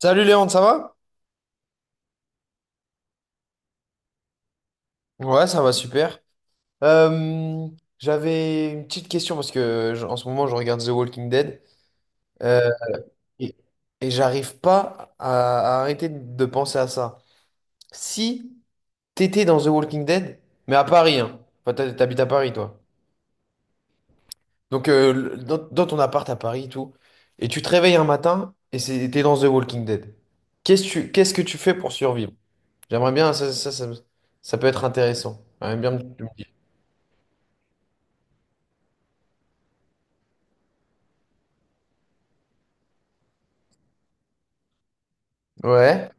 Salut Léon, ça va? Ouais, ça va super. Euh, J'avais une petite question parce que en ce moment je regarde The Walking Dead, euh, et, et j'arrive pas à arrêter de penser à ça. Si t'étais dans The Walking Dead, mais à Paris, hein. Enfin, t'habites à Paris, toi. Donc dans ton appart à Paris et tout, et tu te réveilles un matin et t'es dans The Walking Dead. Qu'est-ce que qu'est-ce que tu fais pour survivre? J'aimerais bien, ça peut être intéressant. J'aimerais bien que tu me dises. Ouais.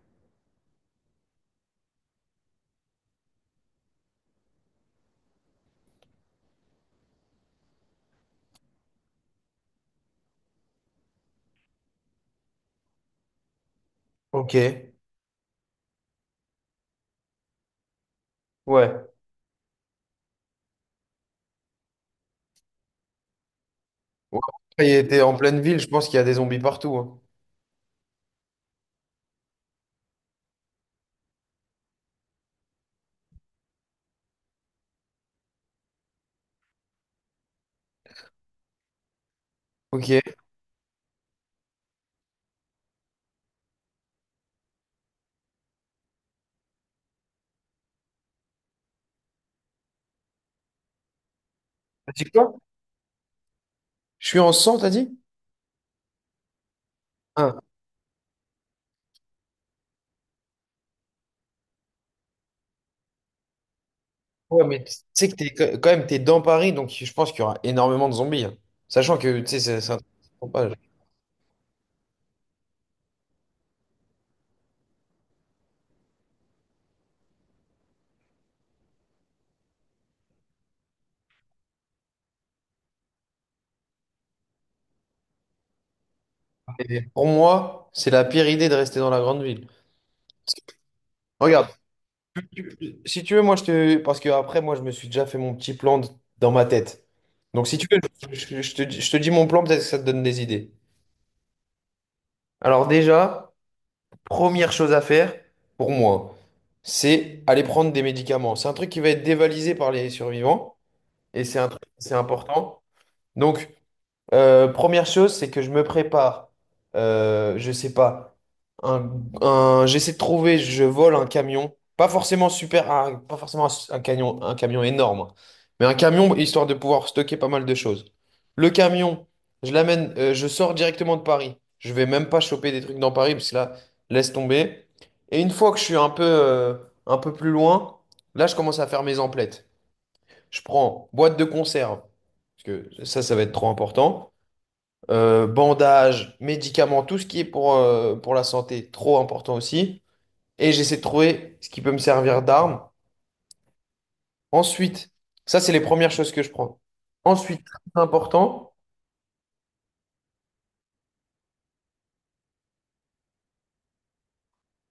Ok. Ouais. Ouais. Il était en pleine ville, je pense qu'il y a des zombies partout, hein. Ok. T'as dit quoi? Je suis en 100, t'as dit? Ah. Ouais, mais tu sais que t'es quand quand même t'es dans Paris, donc je pense qu'il y aura énormément de zombies, hein. Sachant que, tu sais, c'est un truc qui se propage. Et pour moi, c'est la pire idée de rester dans la grande ville. Parce que, regarde, tu- si tu veux, moi je te. Parce que après, moi, je me suis déjà fait mon petit dans ma tête. Donc si tu veux, je te dis mon plan, peut-être que ça te donne des idées. Alors déjà. Première chose à faire, pour moi, c'est aller prendre des médicaments. C'est un truc qui va être dévalisé par les survivants et c'est un truc, c'est important. Donc, première chose, c'est que je me prépare. Je sais pas. Un, J'essaie de trouver, je vole un camion. Pas forcément super, pas forcément un camion énorme, hein. Mais un camion histoire de pouvoir stocker pas mal de choses. Le camion, je l'amène, je sors directement de Paris. Je vais même pas choper des trucs dans Paris parce que là, laisse tomber. Et une fois que je suis un peu plus loin, là, je commence à faire mes emplettes. Je prends boîte de conserve parce que ça va être trop important, bandages, médicaments, tout ce qui est pour la santé, trop important aussi. Et j'essaie de trouver ce qui peut me servir d'arme. Ensuite, ça, c'est les premières choses que je prends. Ensuite, très important,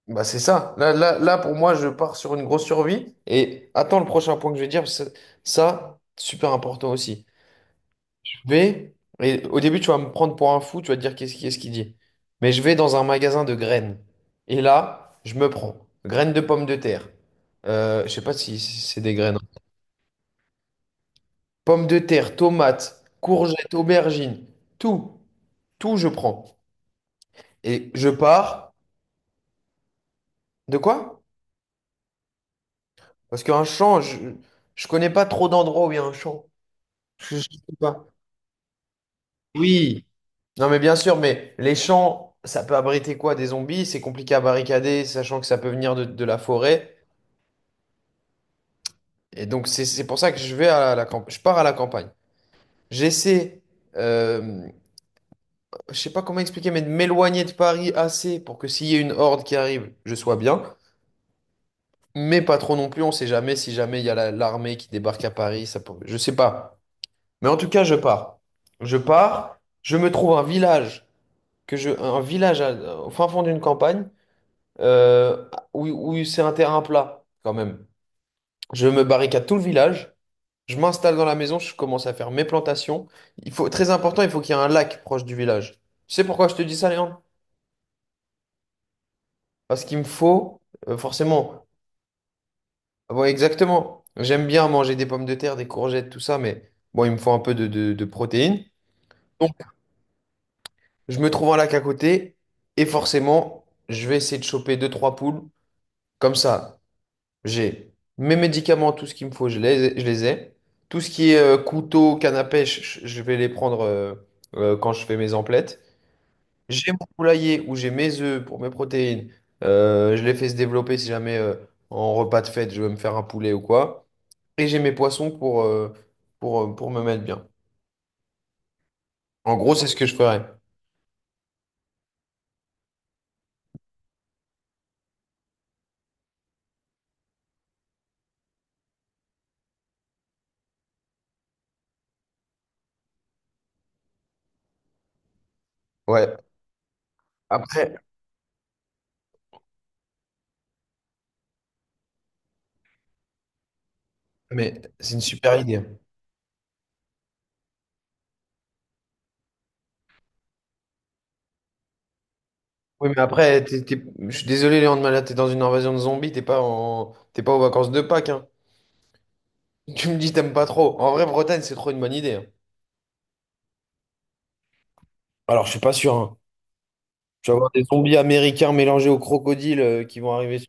bah c'est ça. Là, pour moi, je pars sur une grosse survie. Et attends le prochain point que je vais dire, parce que ça, super important aussi. vais, et au début, tu vas me prendre pour un fou, tu vas te dire qu'est-ce quest ce qu'il dit. Mais je vais dans un magasin de graines. Et là, je me prends graines de pommes de terre. Je sais pas si c'est des graines, hein. Pommes de terre, tomates, courgettes, aubergines, tout, tout je prends. Et je pars. De quoi? Parce qu'un champ, je connais pas trop d'endroits où il y a un champ. Je sais pas. Oui, non, mais bien sûr, mais les champs, ça peut abriter quoi? Des zombies? C'est compliqué à barricader, sachant que ça peut venir de la forêt. Et donc, c'est pour ça que je vais à la campagne. Je pars à la campagne. J'essaie, euh, je sais pas comment expliquer, mais de m'éloigner de Paris assez pour que s'il y a une horde qui arrive, je sois bien. Mais pas trop non plus, on sait jamais si jamais il y a l'armée qui débarque à Paris. Je sais pas. Mais en tout cas, je pars. Je pars, je me trouve un village, un village au fin fond d'une campagne, euh, où c'est un terrain plat quand même. Je me barricade tout le village, je m'installe dans la maison, je commence à faire mes plantations. Il faut, très important, il faut qu'il y ait un lac proche du village. Tu sais pourquoi je te dis ça, Léon? Parce qu'il me faut, forcément, ah bon, exactement. J'aime bien manger des pommes de terre, des courgettes, tout ça, mais bon, il me faut un peu de protéines. Donc, je me trouve un lac à côté et forcément, je vais essayer de choper deux, trois poules. Comme ça, j'ai mes médicaments, tout ce qu'il me faut, je les ai. Tout ce qui est couteau, canne à pêche, je vais les prendre quand je fais mes emplettes. J'ai mon poulailler où j'ai mes œufs pour mes protéines. Je les fais se développer si jamais, en repas de fête, je veux me faire un poulet ou quoi. Et j'ai mes poissons pour, pour me mettre bien. En gros, c'est ce que je ferais. Ouais. Après, mais c'est une super idée. Oui, mais après, je suis désolé, Léon de Malade, t'es dans une invasion de zombies, t'es pas en... t'es pas aux vacances de Pâques, hein. Tu me dis t'aimes pas trop. En vrai, Bretagne, c'est trop une bonne idée, hein. Alors, je suis pas sûr, hein. Tu vas avoir des zombies américains mélangés aux crocodiles, qui vont arriver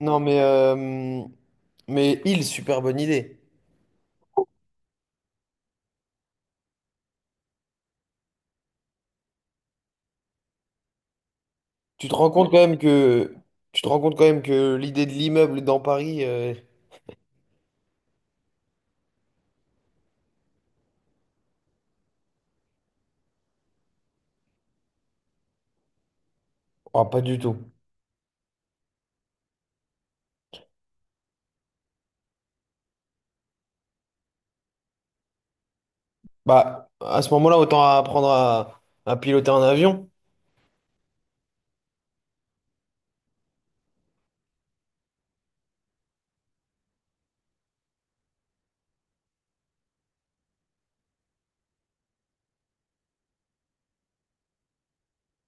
Non, mais île, super bonne idée. Tu te rends compte quand même que tu te rends compte quand même que l'idée de l'immeuble dans Paris, oh, pas du tout. Bah, à ce moment-là, autant apprendre à piloter un avion.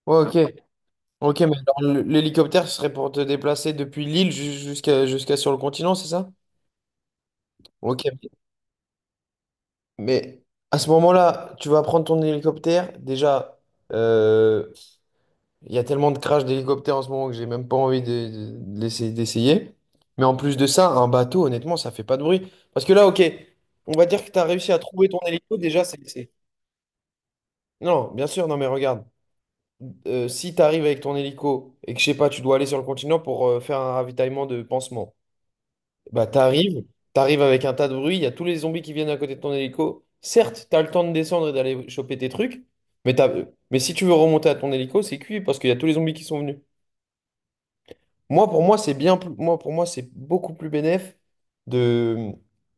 Ouais, ok. Ok, mais alors, l'hélicoptère ce serait pour te déplacer depuis l'île jusqu'à sur le continent, c'est ça? Ok. Mais à ce moment-là, tu vas prendre ton hélicoptère. Déjà, euh, il y a tellement de crash d'hélicoptères en ce moment que j'ai même pas envie d'essayer. Mais en plus de ça, un bateau, honnêtement, ça fait pas de bruit. Parce que là, ok, on va dire que tu as réussi à trouver ton hélico. Non, bien sûr, non, mais regarde. Si tu arrives avec ton hélico et que, je sais pas, tu dois aller sur le continent pour, faire un ravitaillement de pansement. Bah, t'arrives avec un tas de bruit, il y a tous les zombies qui viennent à côté de ton hélico. Certes, t'as le temps de descendre et d'aller choper tes trucs, mais t'as- mais si tu veux remonter à ton hélico, c'est cuit parce qu'il y a tous les zombies qui sont venus. Moi, pour moi, c'est bien plus... moi, pour moi, c'est beaucoup plus bénéf de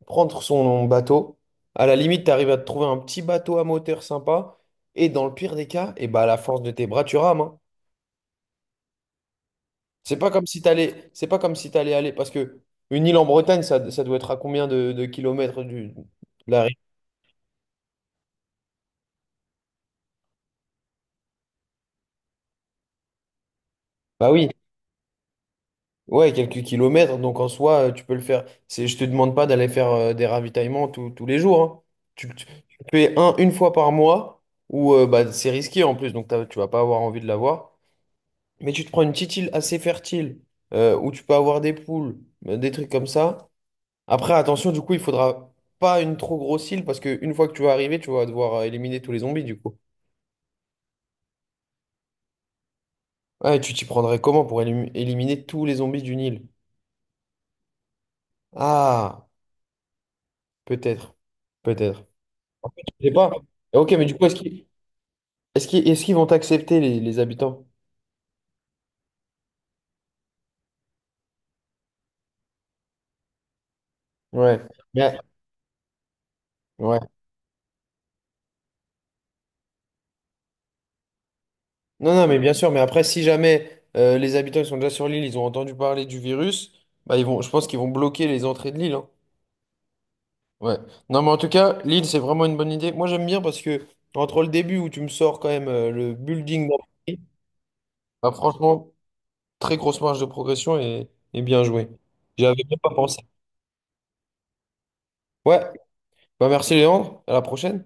prendre son bateau. À la limite, t'arrives à te trouver un petit bateau à moteur sympa, et dans le pire des cas, et bah, à la force de tes bras, tu rames, hein. C'est pas comme si t'allais aller, parce que une île en Bretagne, ça doit être à combien de kilomètres de la Bah oui, ouais, quelques kilomètres, donc en soi, tu peux le faire. C'est, je te demande pas d'aller faire, des ravitaillements tous les jours, hein. Tu le fais un une fois par mois, ou bah, c'est risqué en plus, donc tu vas pas avoir envie de l'avoir. Mais tu te prends une petite île assez fertile, où tu peux avoir des poules, des trucs comme ça. Après, attention, du coup, il faudra pas une trop grosse île, parce qu'une fois que tu vas arriver, tu vas devoir, éliminer tous les zombies, du coup. Ouais, tu t'y prendrais comment pour éliminer tous les zombies d'une île? Ah, peut-être, peut-être. Je sais pas. Ok, mais du coup, est-ce qu'ils est-ce qu'ils vont accepter les habitants? Ouais. Mais- ouais. Non, non, mais bien sûr, mais après, si jamais, les habitants ils sont déjà sur l'île, ils ont entendu parler du virus, bah, je pense qu'ils vont bloquer les entrées de l'île, hein. Ouais. Non, mais en tout cas, l'île, c'est vraiment une bonne idée. Moi, j'aime bien parce que entre le début où tu me sors quand même, le building d'April, bah, franchement, très grosse marge de progression et bien joué. J'y avais même pas pensé. Ouais. Bah, merci, Léandre. À la prochaine.